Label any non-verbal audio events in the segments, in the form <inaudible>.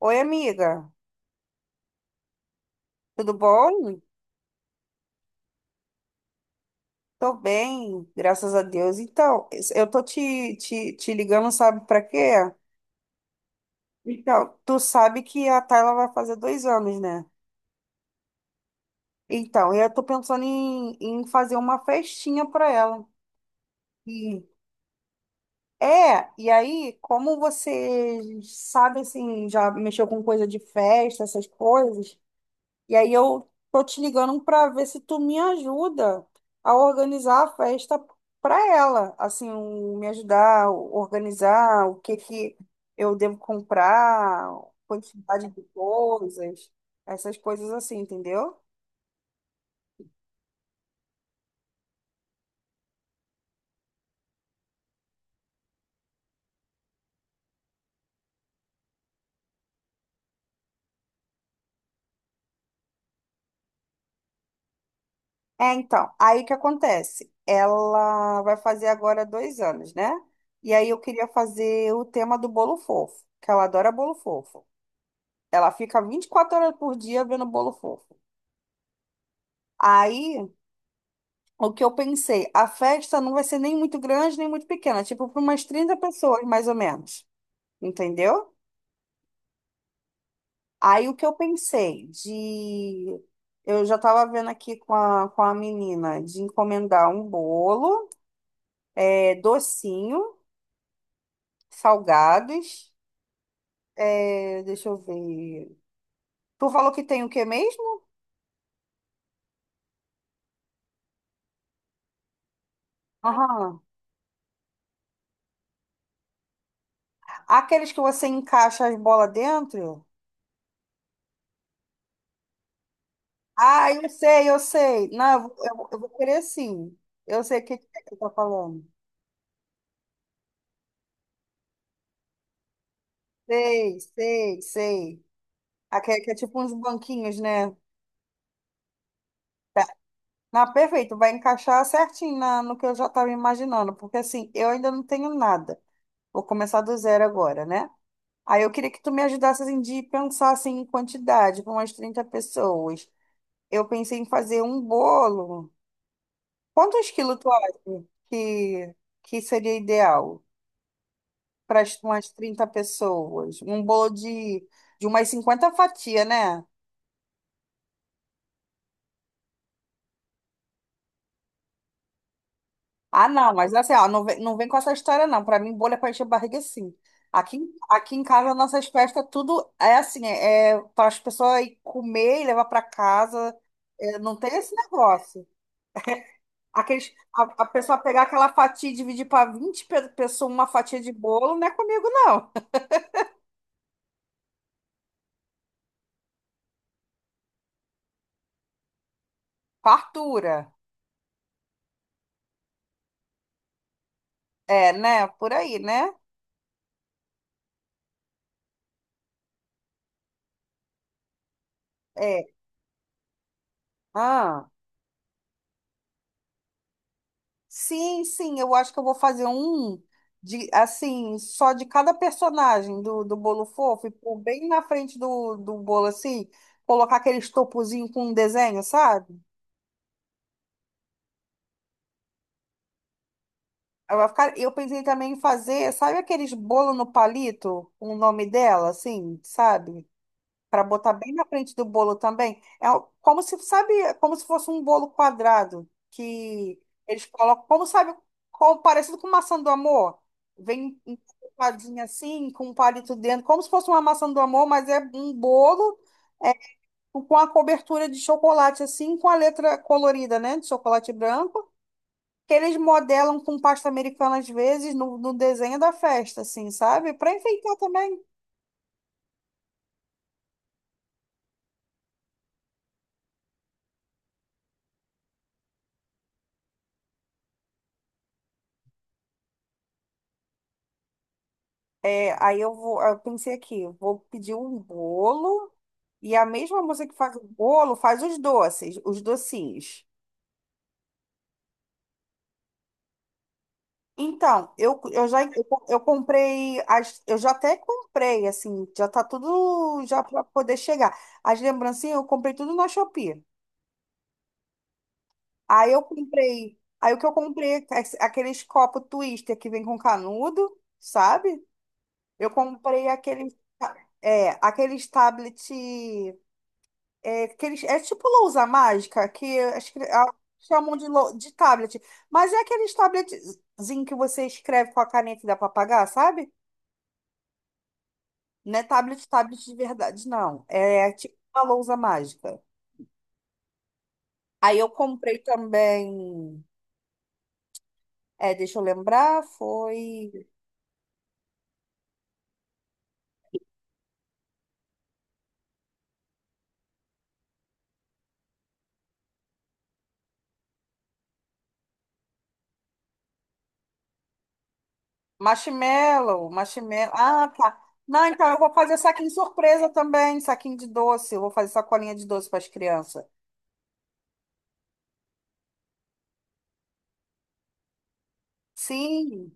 Oi, amiga, tudo bom? Tô bem, graças a Deus. Então, eu tô te ligando, sabe pra quê? Então, tu sabe que a Tayla vai fazer 2 anos, né? Então, eu tô pensando em fazer uma festinha pra ela. E, e aí, como você sabe, assim, já mexeu com coisa de festa, essas coisas, e aí eu tô te ligando para ver se tu me ajuda a organizar a festa para ela, assim, me ajudar a organizar o que que eu devo comprar, quantidade de coisas, essas coisas assim, entendeu? É, então, aí o que acontece? Ela vai fazer agora 2 anos, né? E aí eu queria fazer o tema do bolo fofo, que ela adora bolo fofo. Ela fica 24 horas por dia vendo bolo fofo. Aí o que eu pensei, a festa não vai ser nem muito grande, nem muito pequena, tipo para umas 30 pessoas, mais ou menos, entendeu? Aí o que eu pensei de. Eu já estava vendo aqui com a menina de encomendar um bolo, é, docinho, salgados. É, deixa eu ver. Tu falou que tem o que mesmo? Aham. Aqueles que você encaixa as bolas dentro? Ah, eu sei, eu sei. Não, eu vou querer sim. Eu sei o que que você tá falando. Sei, sei, sei. Aqui é, que é tipo uns banquinhos, né? Tá. Na perfeito, vai encaixar certinho no que eu já estava imaginando, porque assim, eu ainda não tenho nada. Vou começar do zero agora, né? Aí eu queria que tu me ajudasse assim, de pensar assim, em quantidade, para umas 30 pessoas. Eu pensei em fazer um bolo. Quantos quilos tu acha que, que seria ideal para umas 30 pessoas? Um bolo de umas 50 fatias, né? Ah, não, mas assim, ó, não vem com essa história, não. Pra mim, bolha é pra encher a barriga, sim. Aqui, aqui em casa, nossas festas, tudo é assim, é para as pessoas ir comer e levar pra casa. É, não tem esse negócio. Aqueles, a pessoa pegar aquela fatia e dividir pra 20 pessoas uma fatia de bolo, não é comigo, não. <laughs> Fartura. É, né? Por aí, né? É. Ah. Sim, sim, eu acho que eu vou fazer um de assim, só de cada personagem do bolo fofo, e pôr bem na frente do bolo assim, colocar aquele estopozinho com um desenho, sabe? Aí vai ficar, eu pensei também em fazer, sabe aqueles bolo no palito, com o nome dela, assim, sabe? Para botar bem na frente do bolo também. Como se, sabe, como se fosse um bolo quadrado que eles colocam, como sabe, como, parecido com maçã do amor. Vem empadinha assim, com um palito dentro, como se fosse uma maçã do amor, mas é um bolo é, com a cobertura de chocolate assim, com a letra colorida, né, de chocolate branco. Que eles modelam com pasta americana às vezes no desenho da festa, assim, sabe? Para enfeitar também. É, eu pensei aqui, eu vou pedir um bolo e a mesma moça que faz o bolo faz os doces, os docinhos. Então, eu comprei, eu já até comprei, assim, já tá tudo já para poder chegar. As lembrancinhas eu comprei tudo na Shopee. Aí eu comprei, aí o que eu comprei, aqueles copos Twister que vem com canudo, sabe? Eu comprei aqueles, aqueles tablet. É, que eles, é tipo lousa mágica, que acho que ah, chamam de tablet. Mas é aqueles tabletzinho que você escreve com a caneta e dá para apagar, sabe? Não é tablet, tablet de verdade, não. É tipo uma lousa mágica. Aí eu comprei também. É, deixa eu lembrar, foi. Marshmallow, marshmallow. Ah, tá. Não, então eu vou fazer saquinho surpresa também, saquinho de doce. Eu vou fazer sacolinha de doce para as crianças. Sim.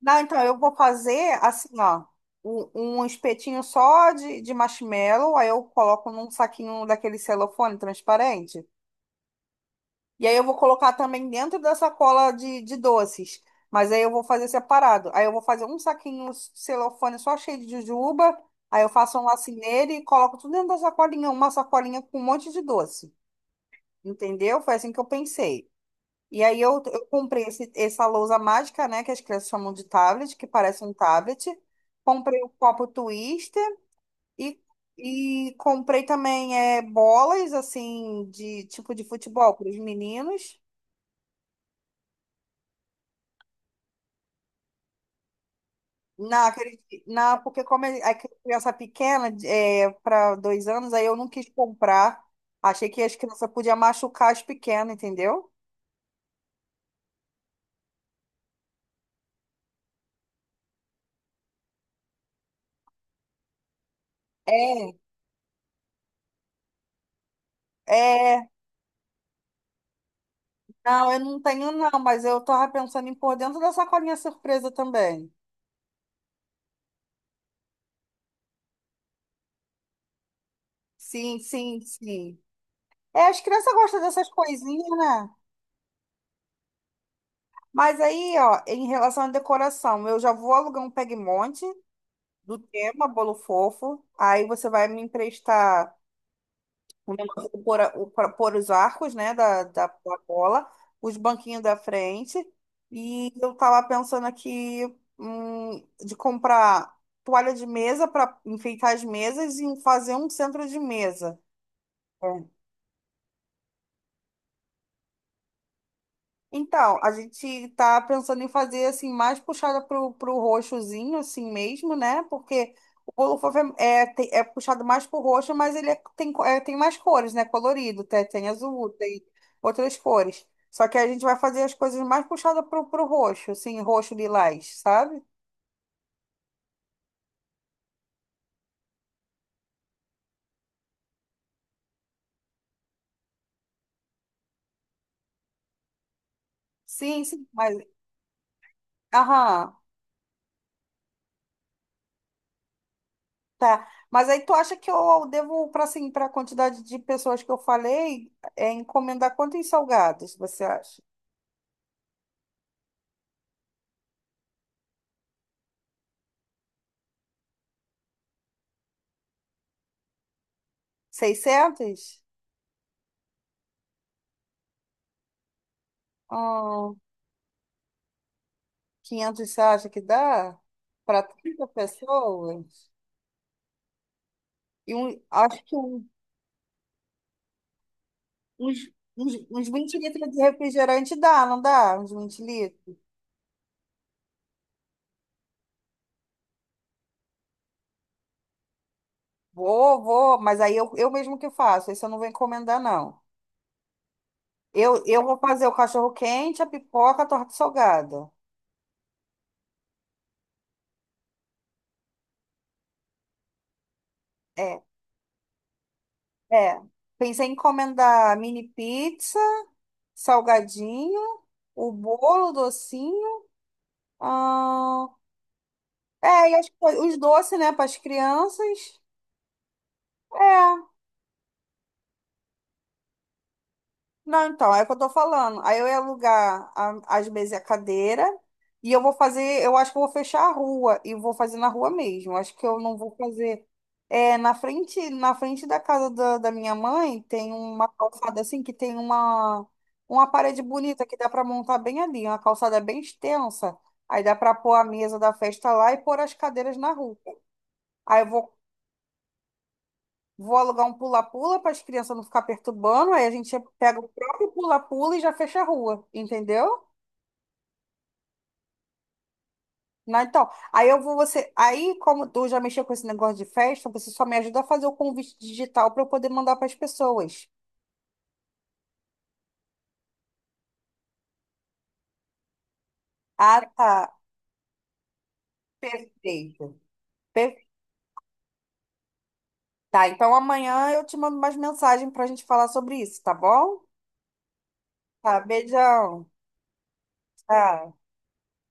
Não, então eu vou fazer assim, ó, um espetinho só de marshmallow, aí eu coloco num saquinho daquele celofane transparente. E aí eu vou colocar também dentro da sacola de doces, mas aí eu vou fazer separado. Aí eu vou fazer um saquinho celofane só cheio de jujuba, aí eu faço um lacinho nele e coloco tudo dentro da sacolinha, uma sacolinha com um monte de doce. Entendeu? Foi assim que eu pensei. E aí eu comprei essa lousa mágica, né, que as crianças chamam de tablet, que parece um tablet. Comprei o copo Twister e, e comprei também é, bolas, assim, de tipo de futebol para os meninos. Porque a criança pequena, é, para 2 anos, aí eu não quis comprar. Achei que as crianças podiam machucar as pequenas, entendeu? É, é. Não, eu não tenho não, mas eu tava pensando em pôr dentro da sacolinha surpresa também. Sim, sim, sim. É, as crianças gostam dessas coisinhas, né? Mas aí, ó, em relação à decoração, eu já vou alugar um peg monte do tema Bolo Fofo. Aí você vai me emprestar o negócio de pôr, pra pôr os arcos, né, da cola, os banquinhos da frente. E eu tava pensando aqui, de comprar toalha de mesa para enfeitar as mesas e fazer um centro de mesa. É. Então, a gente tá pensando em fazer assim, mais puxada pro roxozinho, assim mesmo, né? Porque o bolo fofo é puxado mais pro roxo, mas ele é- tem, co- é, tem mais cores, né? Colorido, tem, tem azul, tem outras cores. Só que a gente vai fazer as coisas mais puxadas pro roxo, assim, roxo lilás, sabe? Sim, sim, mas. Aham, tá. Mas aí tu acha que eu devo, para assim, para a quantidade de pessoas que eu falei, é, encomendar quantos salgados, você acha? 600. Oh, 500 você acha que dá para 30 pessoas? E um, acho que uns, uns 20 litros de refrigerante dá, não dá? Uns 20 litros. Vou, vou, mas aí eu mesmo que faço, isso eu não vou encomendar, não. Eu vou fazer o cachorro quente, a pipoca, a torta salgada. É, é. Pensei em encomendar mini pizza, salgadinho, o bolo, o docinho. Ah, é, e acho que foi os doces, né, para as crianças. É, não, então, é o que eu tô falando. Aí eu ia alugar as mesas e a cadeira, e eu vou fazer, eu acho que eu vou fechar a rua, e vou fazer na rua mesmo. Acho que eu não vou fazer. É, na frente da casa da minha mãe, tem uma calçada assim, que tem uma parede bonita que dá para montar bem ali, uma calçada bem extensa. Aí dá para pôr a mesa da festa lá e pôr as cadeiras na rua. Aí eu vou Vou alugar um pula-pula para as crianças não ficar perturbando. Aí a gente pega o próprio pula-pula e já fecha a rua, entendeu? Não, então, aí eu vou você. Aí, como tu já mexeu com esse negócio de festa, você só me ajuda a fazer o convite digital para eu poder mandar para as pessoas. Ah, tá. Perfeito. Per- Tá, então amanhã eu te mando mais mensagem para a gente falar sobre isso, tá bom? Tá, beijão. Tchau.